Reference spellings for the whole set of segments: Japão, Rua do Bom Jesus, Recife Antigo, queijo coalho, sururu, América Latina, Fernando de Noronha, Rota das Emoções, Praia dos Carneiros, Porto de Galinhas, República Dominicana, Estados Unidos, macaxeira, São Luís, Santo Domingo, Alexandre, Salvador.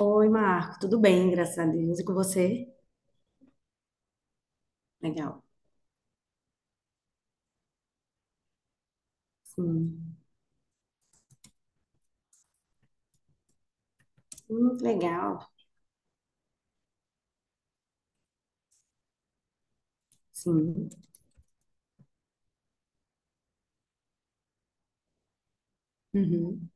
Oi, Marco, tudo bem, graças a Deus. E com você? Legal. Sim. Legal. Sim. Uhum.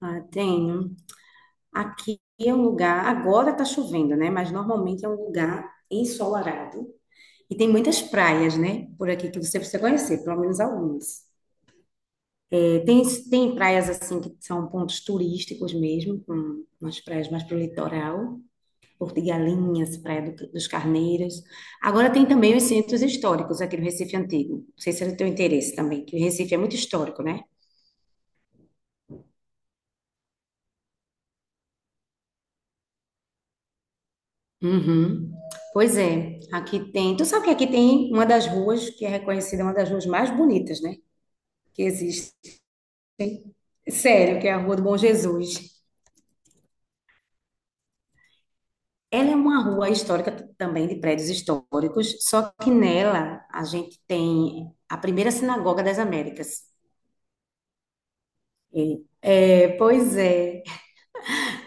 Ah, tenho. Aqui é um lugar, agora tá chovendo, né? Mas normalmente é um lugar ensolarado. E tem muitas praias, né, por aqui que você precisa conhecer, pelo menos algumas. É, tem, tem praias assim que são pontos turísticos mesmo, com umas praias mais pro litoral. Porto de Galinhas, dos Carneiros. Agora tem também os centros históricos aqui no Recife Antigo. Não sei se é do teu interesse também, que o Recife é muito histórico, né? Uhum. Pois é, aqui tem. Tu sabe que aqui tem uma das ruas que é reconhecida uma das ruas mais bonitas, né? Que existe. Sério, que é a Rua do Bom Jesus. Ela é uma rua histórica também de prédios históricos, só que nela a gente tem a primeira sinagoga das Américas. E- Pois é.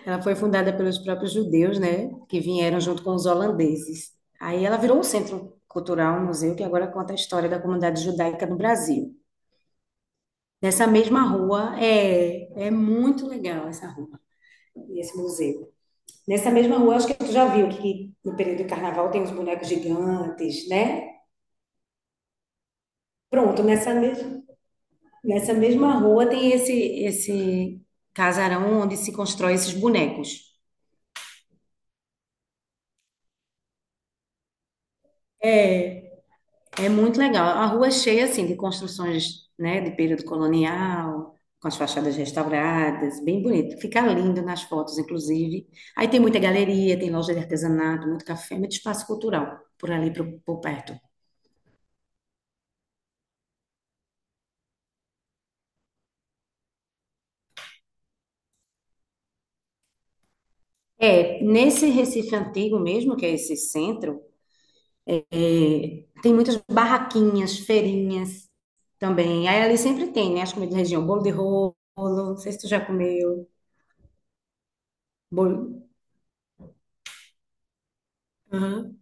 Ela foi fundada pelos próprios judeus, né, que vieram junto com os holandeses. Aí ela virou um centro cultural, um museu, que agora conta a história da comunidade judaica no Brasil. Nessa mesma rua, é muito legal essa rua, esse museu. Nessa mesma rua, acho que tu já viu que no período do carnaval tem os bonecos gigantes, né? Pronto, nessa mesma rua tem esse casarão onde se constrói esses bonecos. É, É muito legal. A rua é cheia assim de construções, né, de período colonial, com as fachadas restauradas, bem bonito. Fica lindo nas fotos, inclusive. Aí tem muita galeria, tem loja de artesanato, muito café, muito espaço cultural por ali por perto. É, nesse Recife antigo mesmo, que é esse centro, é, tem muitas barraquinhas, feirinhas também. Aí ali sempre tem, né, as comidas da região, bolo de rolo, não sei se tu já comeu. Bolo... Aham.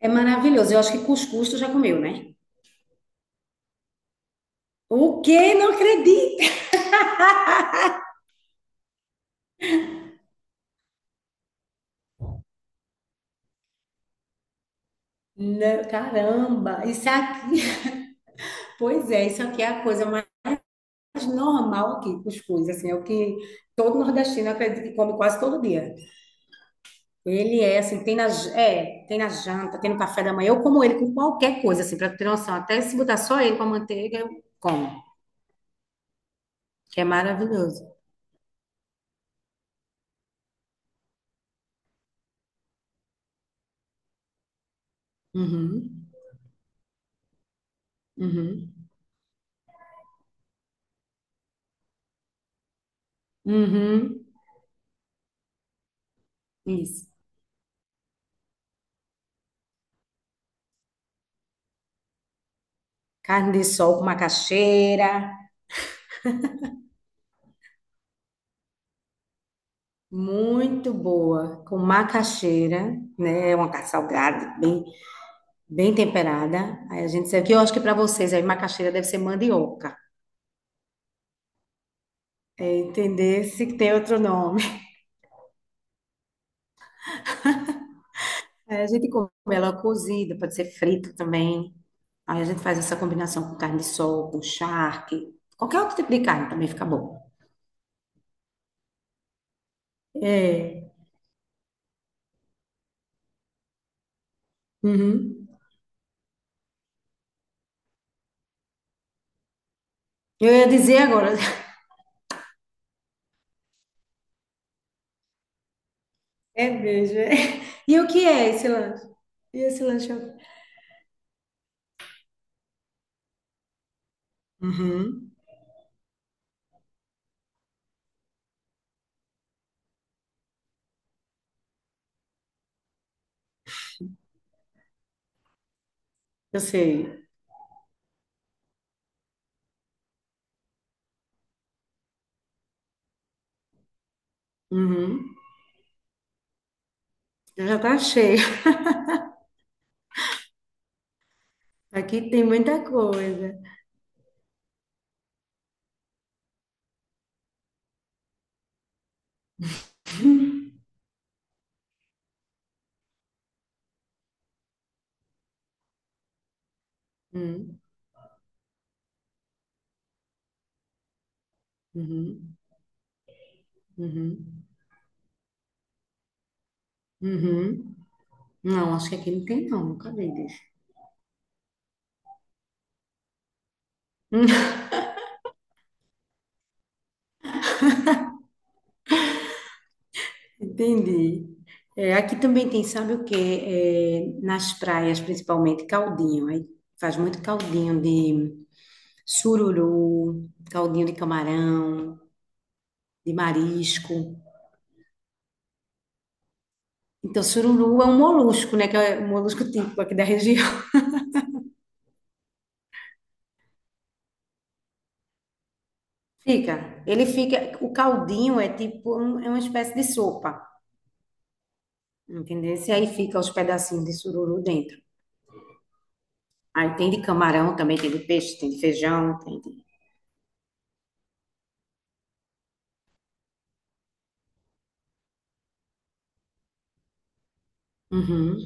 É maravilhoso. Eu acho que cuscuz tu já comeu, né? O quê? Não acredito! Não, caramba, isso é aqui, pois é, isso aqui é a coisa mais normal aqui, cuscuz, assim, é o que todo nordestino eu acredito que come quase todo dia. Ele é assim, tem na janta, tem no café da manhã, eu como ele com qualquer coisa, assim, pra tu ter noção, até se botar só ele com a manteiga, eu como, que é maravilhoso. Uhum, uhum, uhum, isso. Carne de sol com macaxeira. Muito boa, com macaxeira, né? É uma carne salgada, bem temperada. Aí a gente serve, que eu acho que para vocês aí macaxeira deve ser mandioca. É entender se tem outro nome. Aí a gente come ela cozida, pode ser frita também. Aí a gente faz essa combinação com carne de sol, com charque, qualquer outro tipo de carne também fica bom. É. Uhum. Eu ia dizer agora. É mesmo. É. E o que é esse lanche? E esse lanche? é o- Uhum. Eu sei. Uhum. Eu já tá cheio. Aqui tem muita coisa. Uhum. Uhum. Uhum. Uhum. Não, acho que aqui não tem, não. Nunca vi disso. Entendi. É, aqui também tem, sabe o quê? É, nas praias, principalmente, caldinho. Aí faz muito caldinho de sururu, caldinho de camarão, de marisco. Então, sururu é um molusco, né? Que é um molusco típico aqui da região. Fica, ele fica, o caldinho é tipo, um- é uma espécie de sopa, entendeu? E aí fica os pedacinhos de sururu dentro. Aí tem de camarão também, tem de peixe, tem de feijão, tem de... Uhum.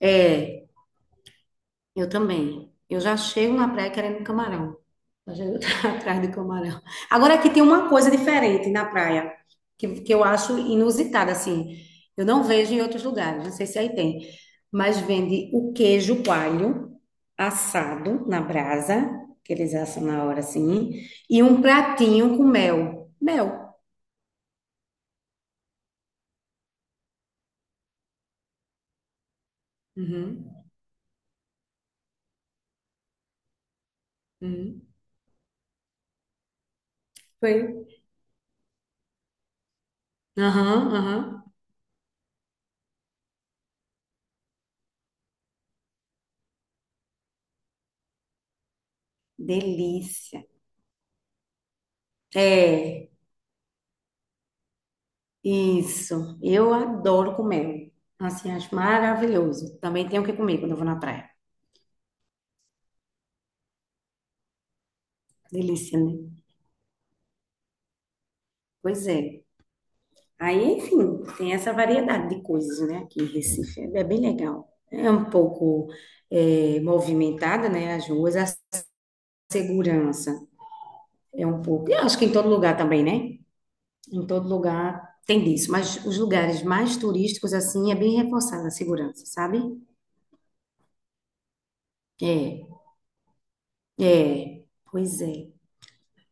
É, eu também. Eu já chego na praia querendo camarão. Já chego atrás do camarão. Agora aqui tem uma coisa diferente na praia, que eu acho inusitada, assim. Eu não vejo em outros lugares, não sei se aí tem. Mas vende o queijo coalho assado na brasa, que eles assam na hora assim, e um pratinho com mel. Mel. Uhum, uhum. Foi. Aham, aham. Delícia. É. Isso, eu adoro comer. Assim, acho maravilhoso. Também tenho o que comer quando eu vou na praia. Delícia, né? Pois é. Aí, enfim, tem essa variedade de coisas, né? Aqui em Recife é bem legal. É um pouco é, movimentada, né? As ruas, a segurança é um pouco. Eu acho que em todo lugar também, né? Em todo lugar tem disso. Mas os lugares mais turísticos, assim, é bem reforçada a segurança, sabe? É, é. Pois é.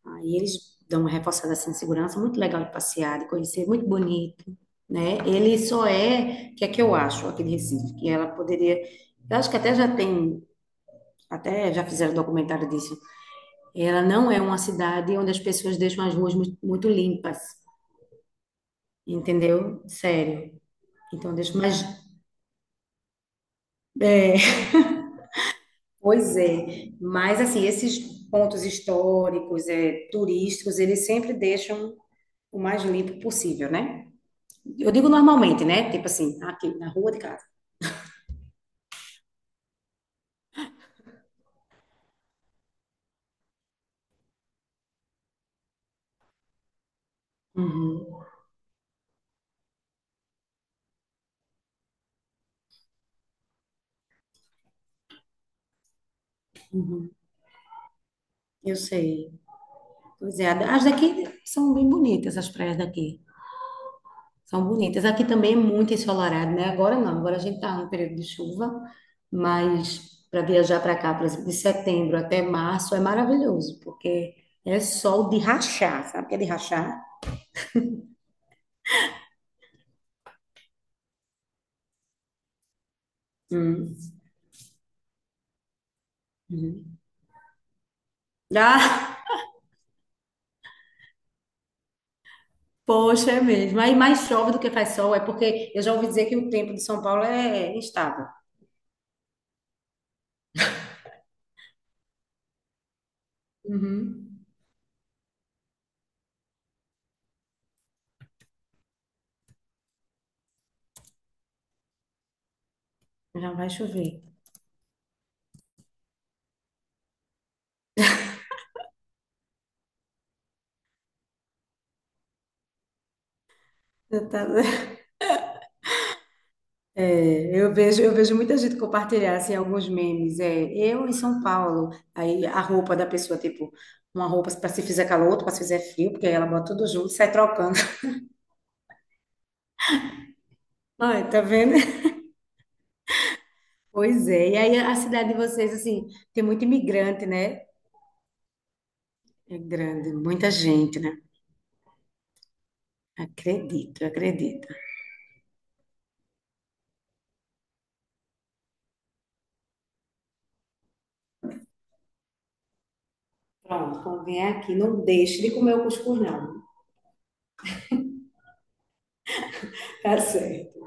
Aí eles dão uma reforçada assim, de segurança, muito legal de passear, de conhecer, muito bonito, né? Ele só é, o que é que eu acho, aqui de Recife, que ela poderia, eu acho que até já tem, até já fizeram documentário disso, ela não é uma cidade onde as pessoas deixam as ruas muito limpas, entendeu? Sério. Então, deixa mais, é, pois é, mas assim, esses pontos históricos, é, turísticos, eles sempre deixam o mais limpo possível, né? Eu digo normalmente, né? Tipo assim, aqui na rua de casa. Uhum, eu sei. Pois é, as daqui são bem bonitas, as praias daqui. São bonitas. Aqui também é muito ensolarado, né? Agora não, agora a gente tá no período de chuva, mas para viajar para cá, por exemplo, de setembro até março é maravilhoso, porque é sol de rachar, sabe o que é de rachar? Hum, uhum. Ah, poxa, é mesmo. Aí mais chove do que faz sol, é porque eu já ouvi dizer que o tempo de São Paulo é instável. Uhum. Já vai chover. Eu tá- eu vejo muita gente compartilhar assim, alguns memes. É, eu em São Paulo, aí a roupa da pessoa, tipo, uma roupa para se fizer calor, outra para se fizer frio, porque aí ela bota tudo junto e sai trocando. Ai, tá vendo? Pois é. E aí a cidade de vocês, assim, tem muito imigrante, né? É grande, muita gente, né? Acredito, acredito. Pronto, quando vier aqui, não deixe de comer o cuscuz, não. Tá certo.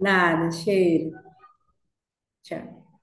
Nada, cheiro. Tchau.